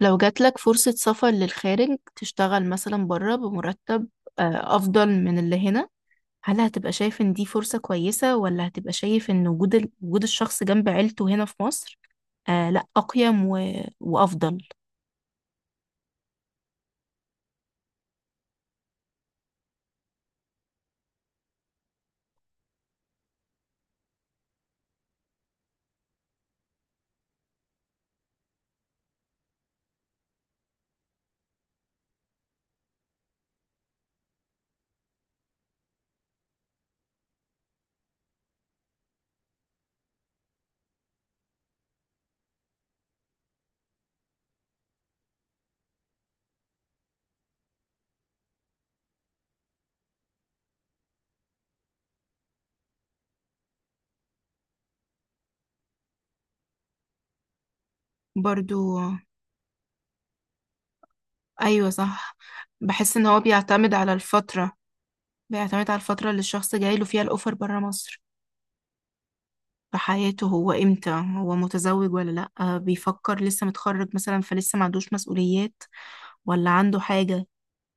لو جاتلك فرصة سفر للخارج تشتغل مثلا بره بمرتب أفضل من اللي هنا؟ هل هتبقى شايف إن دي فرصة كويسة، ولا هتبقى شايف إن وجود وجود الشخص جنب عيلته هنا في مصر؟ آه لأ، أقيم وأفضل. برضو، أيوة صح. بحس إن هو بيعتمد على الفترة اللي الشخص جاي له فيها الأوفر بره مصر، في حياته، هو إمتى، هو متزوج ولا لأ، بيفكر، لسه متخرج مثلا فلسه ما عندوش مسؤوليات ولا عنده حاجة.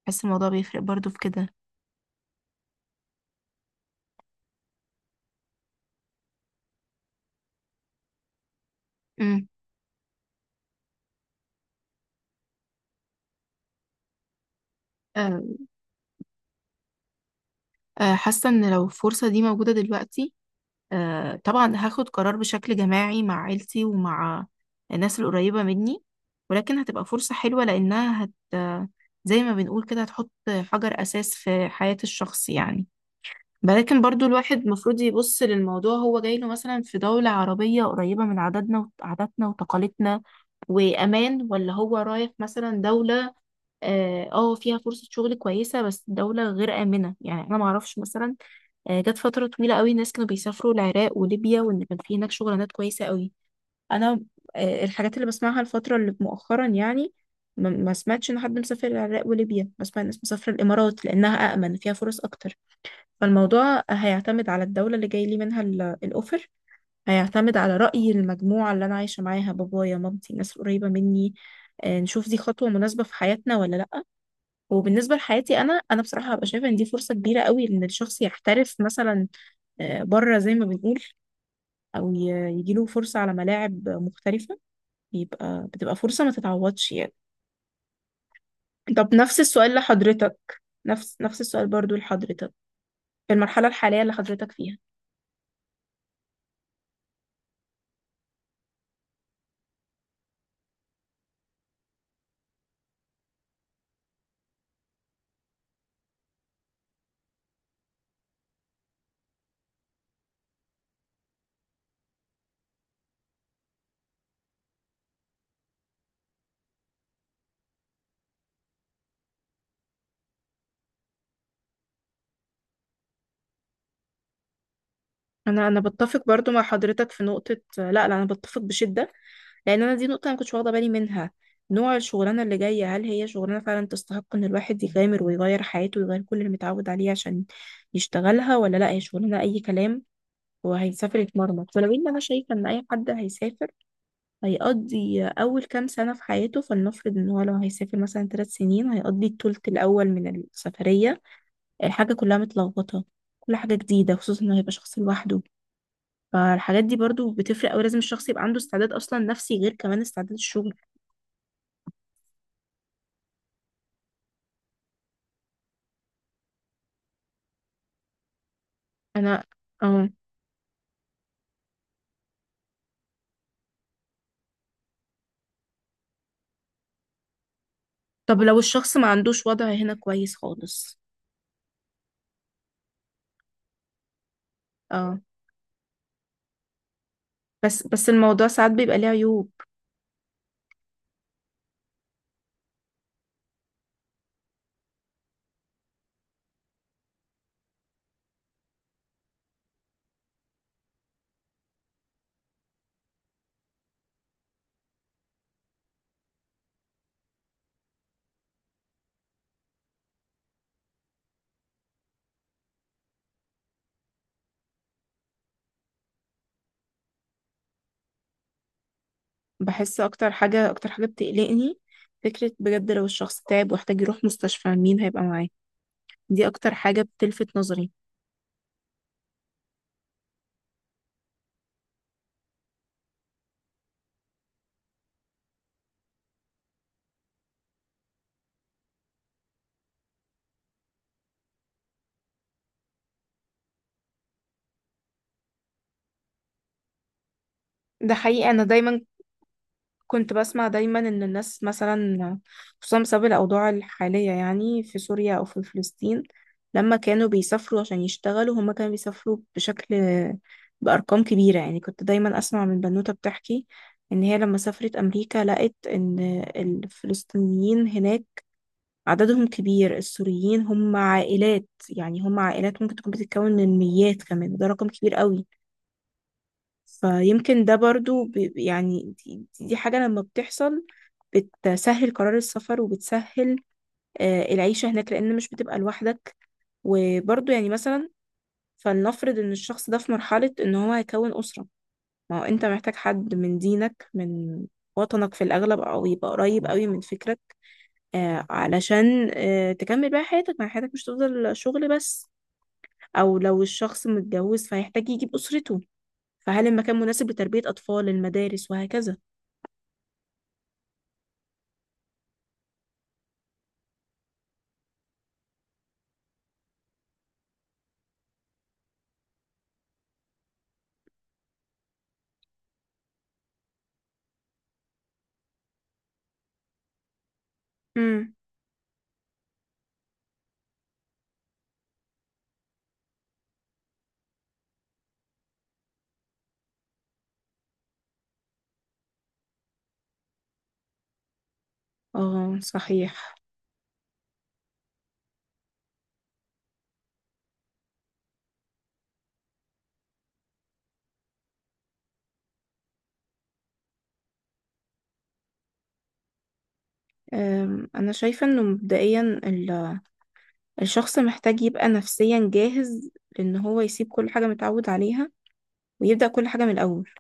بحس الموضوع بيفرق برضو في كده. امم آه، آه، حاسة ان لو الفرصة دي موجودة دلوقتي، طبعا هاخد قرار بشكل جماعي مع عيلتي ومع الناس القريبة مني، ولكن هتبقى فرصة حلوة، لأنها هت آه، زي ما بنقول كده هتحط حجر أساس في حياة الشخص يعني. ولكن برضو الواحد المفروض يبص للموضوع، هو جاي له مثلا في دولة عربية قريبة من عاداتنا وتقاليدنا، وأمان، ولا هو رايح مثلا دولة فيها فرصة شغل كويسة بس الدولة غير آمنة، يعني أنا معرفش مثلا. جت فترة طويلة قوي الناس كانوا بيسافروا العراق وليبيا، وإن كان في هناك شغلانات كويسة قوي. أنا الحاجات اللي بسمعها الفترة اللي مؤخرا يعني، ما سمعتش إن حد مسافر العراق وليبيا، بسمع الناس مسافرة الإمارات لأنها أأمن، فيها فرص أكتر. فالموضوع هيعتمد على الدولة اللي جاي لي منها الأوفر، هيعتمد على رأي المجموعة اللي أنا عايشة معاها، بابايا، مامتي، الناس القريبة مني، نشوف دي خطوة مناسبة في حياتنا ولا لأ. وبالنسبه لحياتي، انا بصراحه هبقى شايفه ان دي فرصه كبيره قوي ان الشخص يحترف مثلا، بره زي ما بنقول، او يجيله فرصه على ملاعب مختلفه، بتبقى فرصه ما تتعوضش يعني. طب نفس السؤال لحضرتك، نفس السؤال برضو لحضرتك، في المرحله الحاليه اللي حضرتك فيها. انا بتفق برضو مع حضرتك في نقطه، لا لا، انا بتفق بشده، لان انا دي نقطه انا كنتش واخده بالي منها. نوع الشغلانه اللي جايه، هل هي شغلانه فعلا تستحق ان الواحد يغامر ويغير حياته ويغير كل اللي متعود عليه عشان يشتغلها، ولا لا هي شغلانه اي كلام وهيسافر يتمرمط؟ ولو ان انا شايفه ان اي حد هيسافر هيقضي اول كام سنه في حياته، فلنفرض ان هو لو هيسافر مثلا 3 سنين، هيقضي الثلث الاول من السفريه الحاجه كلها متلخبطه، كل حاجه جديده، خصوصا انه هيبقى شخص لوحده. فالحاجات دي برضو بتفرق أوي، لازم الشخص يبقى عنده استعداد أصلا نفسي، غير كمان استعداد الشغل. أنا، اه. طب لو الشخص ما عندوش وضع هنا كويس خالص. اه، بس بس الموضوع ساعات بيبقى ليه عيوب. بحس أكتر حاجة بتقلقني، فكرة بجد لو الشخص تعب واحتاج يروح مستشفى، مين هيبقى معاه؟ دي أكتر حاجة بتلفت نظري. ده حقيقي، أنا دايما كنت بسمع دايما ان الناس مثلا، خصوصا بسبب الاوضاع الحاليه يعني في سوريا او في فلسطين، لما كانوا بيسافروا عشان يشتغلوا، هما كانوا بيسافروا بشكل، بارقام كبيره يعني. كنت دايما اسمع من بنوته بتحكي ان هي لما سافرت امريكا لقت ان الفلسطينيين هناك عددهم كبير، السوريين هم عائلات، يعني هم عائلات ممكن تكون بتتكون من ميات كمان، ده رقم كبير قوي. فيمكن ده برضو يعني، دي حاجة لما بتحصل بتسهل قرار السفر، وبتسهل العيشة هناك، لأن مش بتبقى لوحدك. وبرضه يعني مثلا، فلنفرض إن الشخص ده في مرحلة إن هو هيكون أسرة، ما هو أنت محتاج حد من دينك، من وطنك في الأغلب، أو يبقى قريب قوي من فكرك، علشان تكمل بقى حياتك، ما حياتك مش تفضل شغل بس. أو لو الشخص متجوز فهيحتاج يجيب أسرته، فهل المكان مناسب لتربية أطفال، المدارس وهكذا. مم. اه صحيح. انا شايفه انه مبدئيا الشخص محتاج يبقى نفسيا جاهز، لأن هو يسيب كل حاجة متعود عليها، ويبدأ كل حاجة من الأول،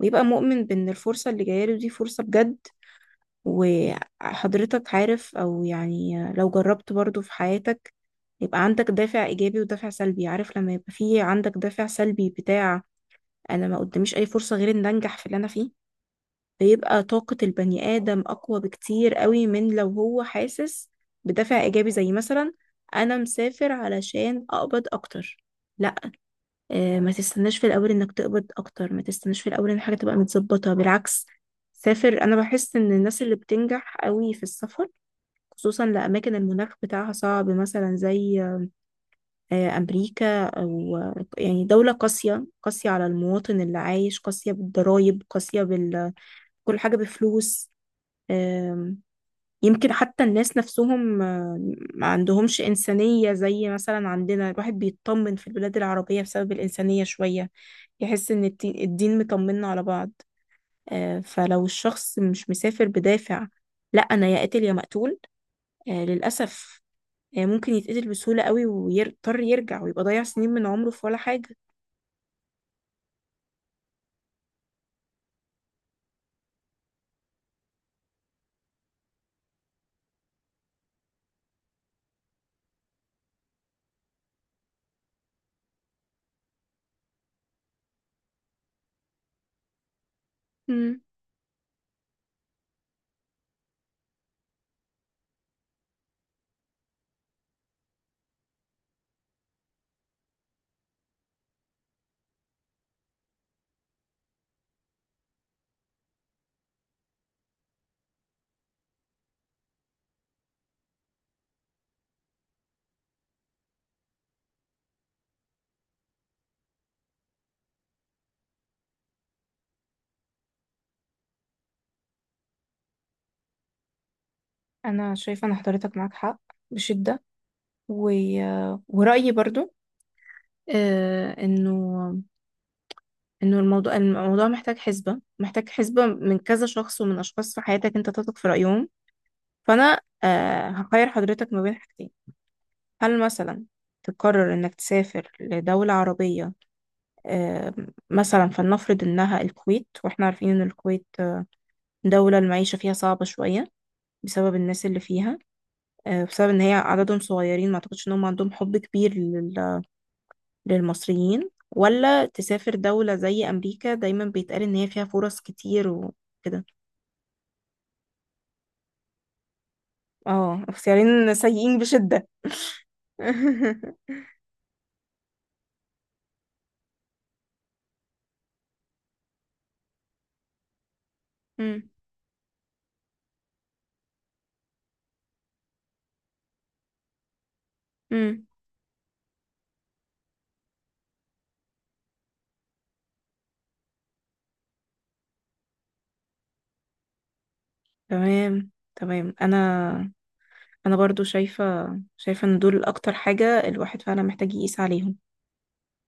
ويبقى مؤمن بأن الفرصة اللي جاية له دي فرصة بجد. وحضرتك عارف، أو يعني لو جربت برضو في حياتك، يبقى عندك دافع إيجابي ودافع سلبي. عارف لما يبقى فيه عندك دافع سلبي بتاع، أنا ما قداميش أي فرصة غير إن أنجح في اللي أنا فيه، بيبقى طاقة البني آدم أقوى بكتير قوي من لو هو حاسس بدافع إيجابي، زي مثلا أنا مسافر علشان أقبض أكتر. لا، ما تستناش في الأول إنك تقبض أكتر، ما تستناش في الأول إن الحاجة تبقى متظبطة، بالعكس سافر. أنا بحس إن الناس اللي بتنجح قوي في السفر، خصوصا لأماكن المناخ بتاعها صعب، مثلا زي أمريكا، أو يعني دولة قاسية، قاسية على المواطن اللي عايش، قاسية بالضرايب، قاسية بال كل حاجة بفلوس. يمكن حتى الناس نفسهم ما عندهمش إنسانية زي مثلا عندنا، الواحد بيطمن في البلاد العربية بسبب الإنسانية شوية، يحس إن الدين مطمنا على بعض. فلو الشخص مش مسافر بدافع، لا أنا يا قاتل يا مقتول، للأسف ممكن يتقتل بسهولة قوي، ويضطر يرجع ويبقى ضيع سنين من عمره في ولا حاجة. مم. أنا شايفة أن حضرتك معاك حق بشدة، و... ورأيي برضو إنه الموضوع محتاج حسبة من كذا شخص، ومن اشخاص في حياتك انت تثق في رأيهم. فانا هخير حضرتك ما بين حاجتين، هل مثلا تقرر انك تسافر لدولة عربية آه مثلا، فلنفرض انها الكويت، واحنا عارفين ان الكويت دولة المعيشة فيها صعبة شوية بسبب الناس اللي فيها، بسبب ان هي عددهم صغيرين، ما اعتقدش ان هم عندهم حب كبير للمصريين، ولا تسافر دولة زي امريكا، دايما بيتقال ان هي فيها فرص كتير وكده. اه، اختيارين سيئين بشدة. مم. مم. تمام تمام، انا برضو شايفة ان دول اكتر حاجة الواحد فعلا محتاج يقيس عليهم.